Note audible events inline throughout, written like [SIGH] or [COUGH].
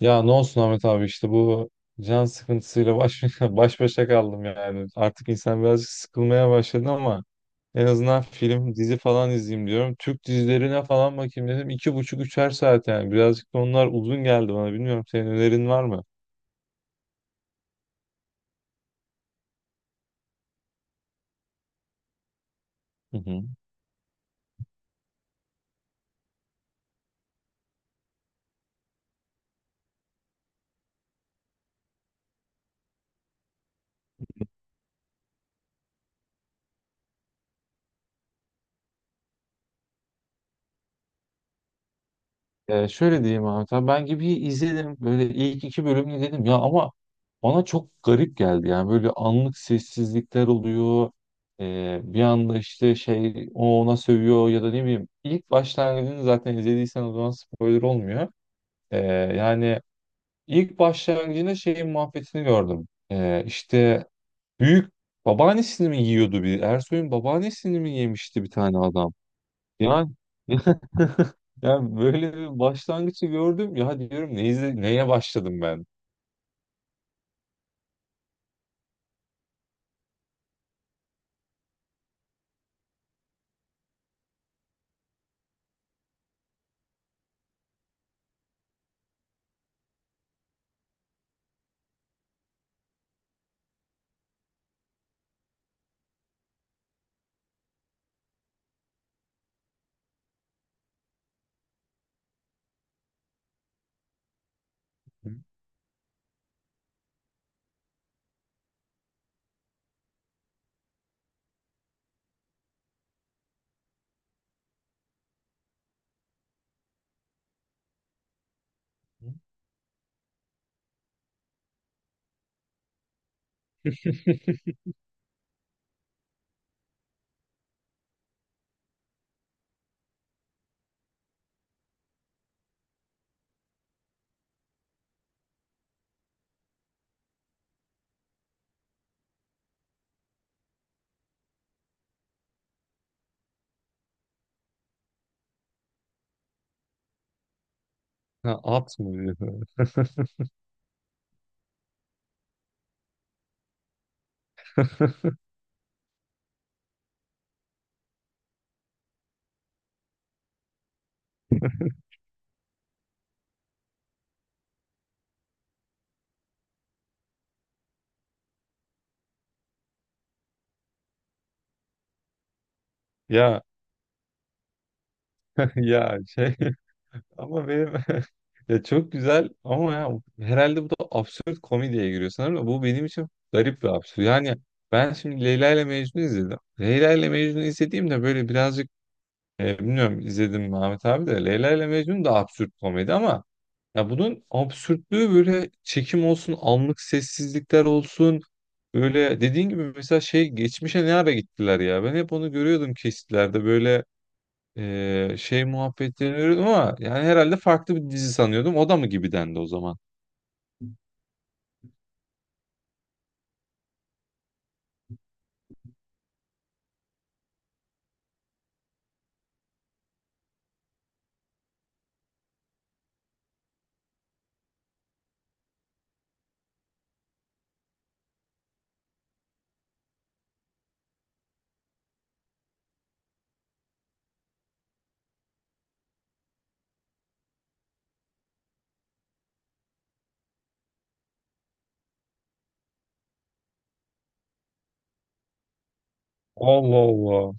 Ya ne olsun Ahmet abi işte bu can sıkıntısıyla [LAUGHS] baş başa kaldım yani. Artık insan birazcık sıkılmaya başladı ama en azından film, dizi falan izleyeyim diyorum. Türk dizilerine falan bakayım dedim. 2,5, 3'er saat yani. Birazcık da onlar uzun geldi bana. Bilmiyorum senin önerin var mı? Hı hı. Şöyle diyeyim Ahmet abi, tamam, ben gibi izledim böyle, ilk iki bölümünü dedim ya, ama bana çok garip geldi yani. Böyle anlık sessizlikler oluyor. Bir anda işte şey, o ona sövüyor ya da ne bileyim, ilk başlangıcını zaten izlediysen o zaman spoiler olmuyor. Ee, Yani ilk başlangıcında şeyin muhabbetini gördüm. İşte büyük babaannesini mi yiyordu, bir Ersoy'un babaannesini mi yemişti bir tane adam, yani [LAUGHS] yani böyle bir başlangıcı gördüm ya, diyorum neye başladım ben? Ha, at mı diyor. [LAUGHS] Ya [LAUGHS] ya şey [LAUGHS] ama benim [LAUGHS] ya, çok güzel ama, ya herhalde bu da absürt komediye giriyor sanırım, da bu benim için garip bir absürt. Yani ben şimdi Leyla ile Mecnun izledim. Leyla ile Mecnun izlediğimde böyle birazcık, bilmiyorum izledim mi Ahmet abi de, Leyla ile Mecnun da absürt komedi ama ya, bunun absürtlüğü böyle çekim olsun, anlık sessizlikler olsun. Böyle dediğin gibi mesela şey, geçmişe ne ara gittiler ya. Ben hep onu görüyordum kesitlerde, böyle şey muhabbetlerini görüyordum ama, yani herhalde farklı bir dizi sanıyordum. O da mı gibi dendi o zaman? Allah Allah.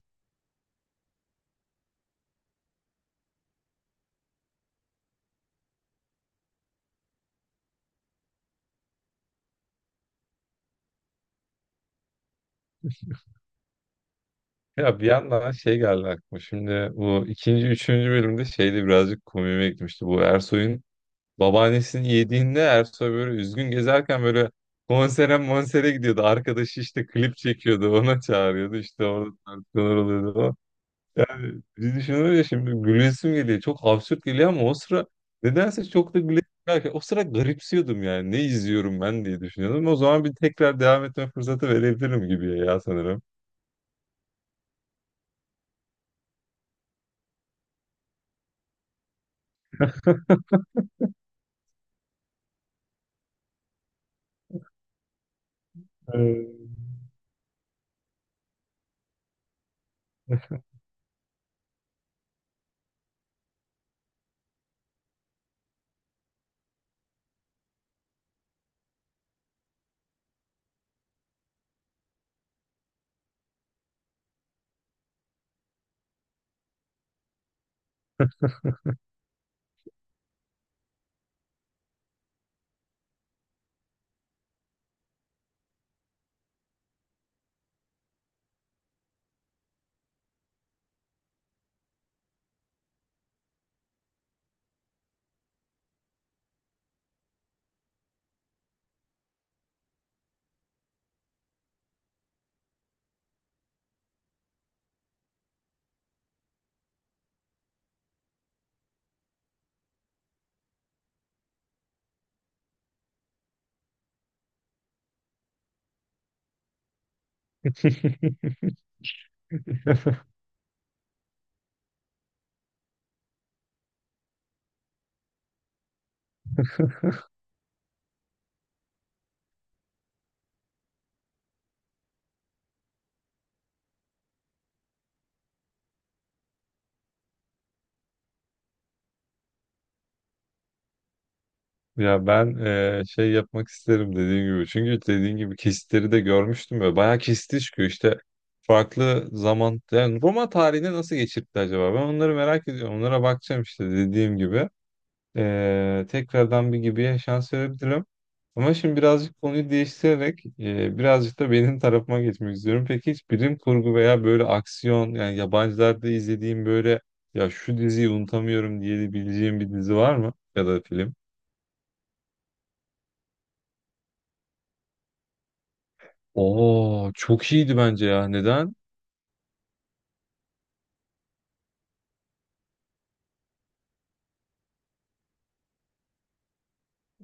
Ya bir yandan şey geldi aklıma. Şimdi bu ikinci, üçüncü bölümde şeyde birazcık komiğime gitmişti. Bu Ersoy'un babaannesinin yediğinde Ersoy böyle üzgün gezerken böyle konsere monsere gidiyordu. Arkadaşı işte klip çekiyordu. Ona çağırıyordu. İşte orada tartışmalar oluyordu falan. Hani biz düşünüyoruz ya, şimdi gülesim geliyor. Çok absürt geliyor ama o sıra nedense çok da gülesim gelmiyor. O sıra garipsiyordum yani. Ne izliyorum ben, diye düşünüyordum. O zaman bir tekrar devam etme fırsatı verebilirim gibi ya, sanırım. Ee, [LAUGHS] Ya ben, şey yapmak isterim dediğim gibi. Çünkü dediğin gibi kesitleri de görmüştüm ve bayağı kesiti çıkıyor. İşte farklı zaman, yani Roma tarihini nasıl geçirdi acaba? Ben onları merak ediyorum. Onlara bakacağım işte, dediğim gibi. Tekrardan bir gibiye şans verebilirim. Ama şimdi birazcık konuyu değiştirerek, birazcık da benim tarafıma geçmek istiyorum. Peki hiç bilim kurgu veya böyle aksiyon, yani yabancılarda izlediğim böyle, ya şu diziyi unutamıyorum diyebileceğim bir dizi var mı? Ya da film? Oo, çok iyiydi bence ya. Neden?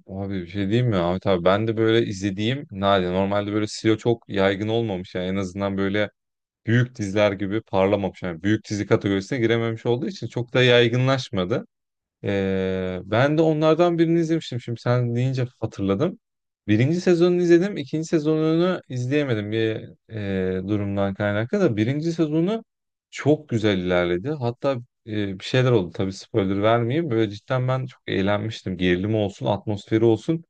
Abi bir şey diyeyim mi Ahmet abi, ben de böyle izlediğim nadir. Normalde böyle silo çok yaygın olmamış, yani en azından böyle büyük diziler gibi parlamamış. Yani büyük dizi kategorisine girememiş olduğu için çok da yaygınlaşmadı. Ben de onlardan birini izlemiştim. Şimdi sen deyince hatırladım. Birinci sezonunu izledim. İkinci sezonunu izleyemedim, bir durumdan kaynaklı da. Birinci sezonu çok güzel ilerledi. Hatta bir şeyler oldu. Tabii spoiler vermeyeyim. Böyle cidden ben çok eğlenmiştim. Gerilimi olsun, atmosferi olsun.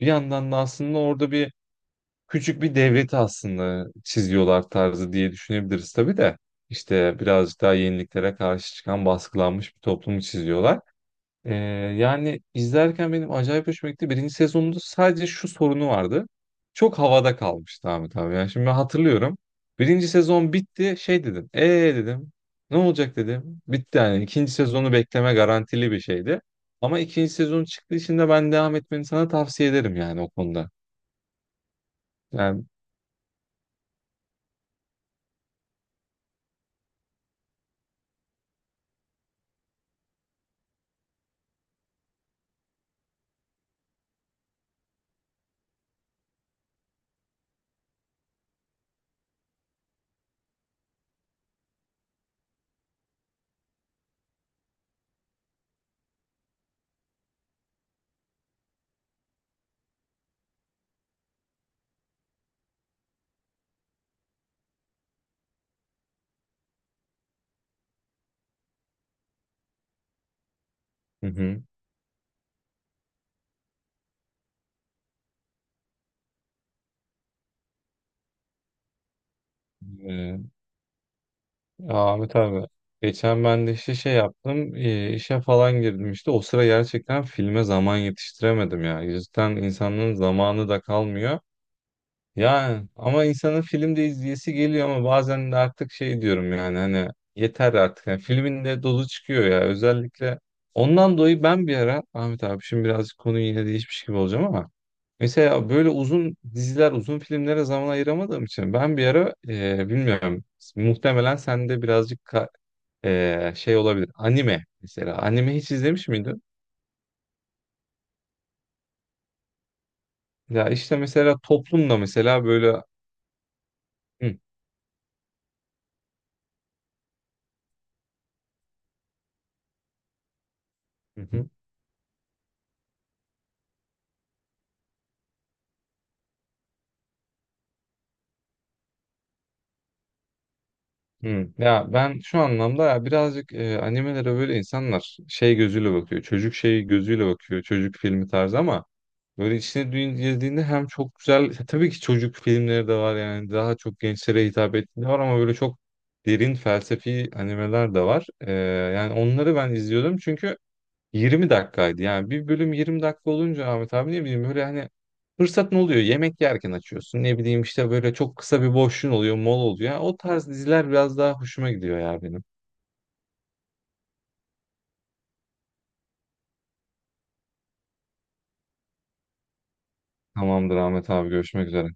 Bir yandan da aslında orada bir küçük bir devleti aslında çiziyorlar tarzı, diye düşünebiliriz tabii de. İşte birazcık daha yeniliklere karşı çıkan, baskılanmış bir toplumu çiziyorlar. Ee, Yani izlerken benim acayip hoşuma gitti. Birinci sezonunda sadece şu sorunu vardı. Çok havada kalmıştı Ahmet abi. Yani şimdi ben hatırlıyorum. Birinci sezon bitti. Şey dedim. Dedim. Ne olacak dedim. Bitti yani. İkinci sezonu bekleme garantili bir şeydi. Ama ikinci sezon çıktığı için de ben devam etmeni sana tavsiye ederim yani, o konuda. Yani hı hı. Ya Ahmet abi, geçen ben de işte şey yaptım, işe falan girdim. İşte o sıra gerçekten filme zaman yetiştiremedim ya. Cidden insanların zamanı da kalmıyor. Yani ama insanın filmde izleyesi geliyor, ama bazen de artık şey diyorum yani, hani yeter artık. Yani filmin de dolu çıkıyor ya özellikle. Ondan dolayı ben bir ara Ahmet abi, şimdi birazcık konuyu yine değişmiş gibi olacağım ama, mesela böyle uzun diziler, uzun filmlere zaman ayıramadığım için ben bir ara, bilmiyorum, muhtemelen sende birazcık şey olabilir. Anime mesela. Anime hiç izlemiş miydin? Ya işte mesela toplumda mesela böyle, hı, hı hı. Hı. Ya ben şu anlamda, ya birazcık animelere böyle insanlar şey gözüyle bakıyor. Çocuk şeyi gözüyle bakıyor. Çocuk filmi tarzı ama böyle içine girdiğinde hem çok güzel, tabii ki çocuk filmleri de var yani, daha çok gençlere hitap ettiği de var ama böyle çok derin felsefi animeler de var. Yani onları ben izliyordum, çünkü 20 dakikaydı. Yani bir bölüm 20 dakika olunca Ahmet abi, ne bileyim böyle, hani fırsat ne oluyor. Yemek yerken açıyorsun. Ne bileyim işte böyle çok kısa bir boşluğun oluyor, mol oluyor. Yani o tarz diziler biraz daha hoşuma gidiyor ya, benim. Tamamdır Ahmet abi, görüşmek üzere.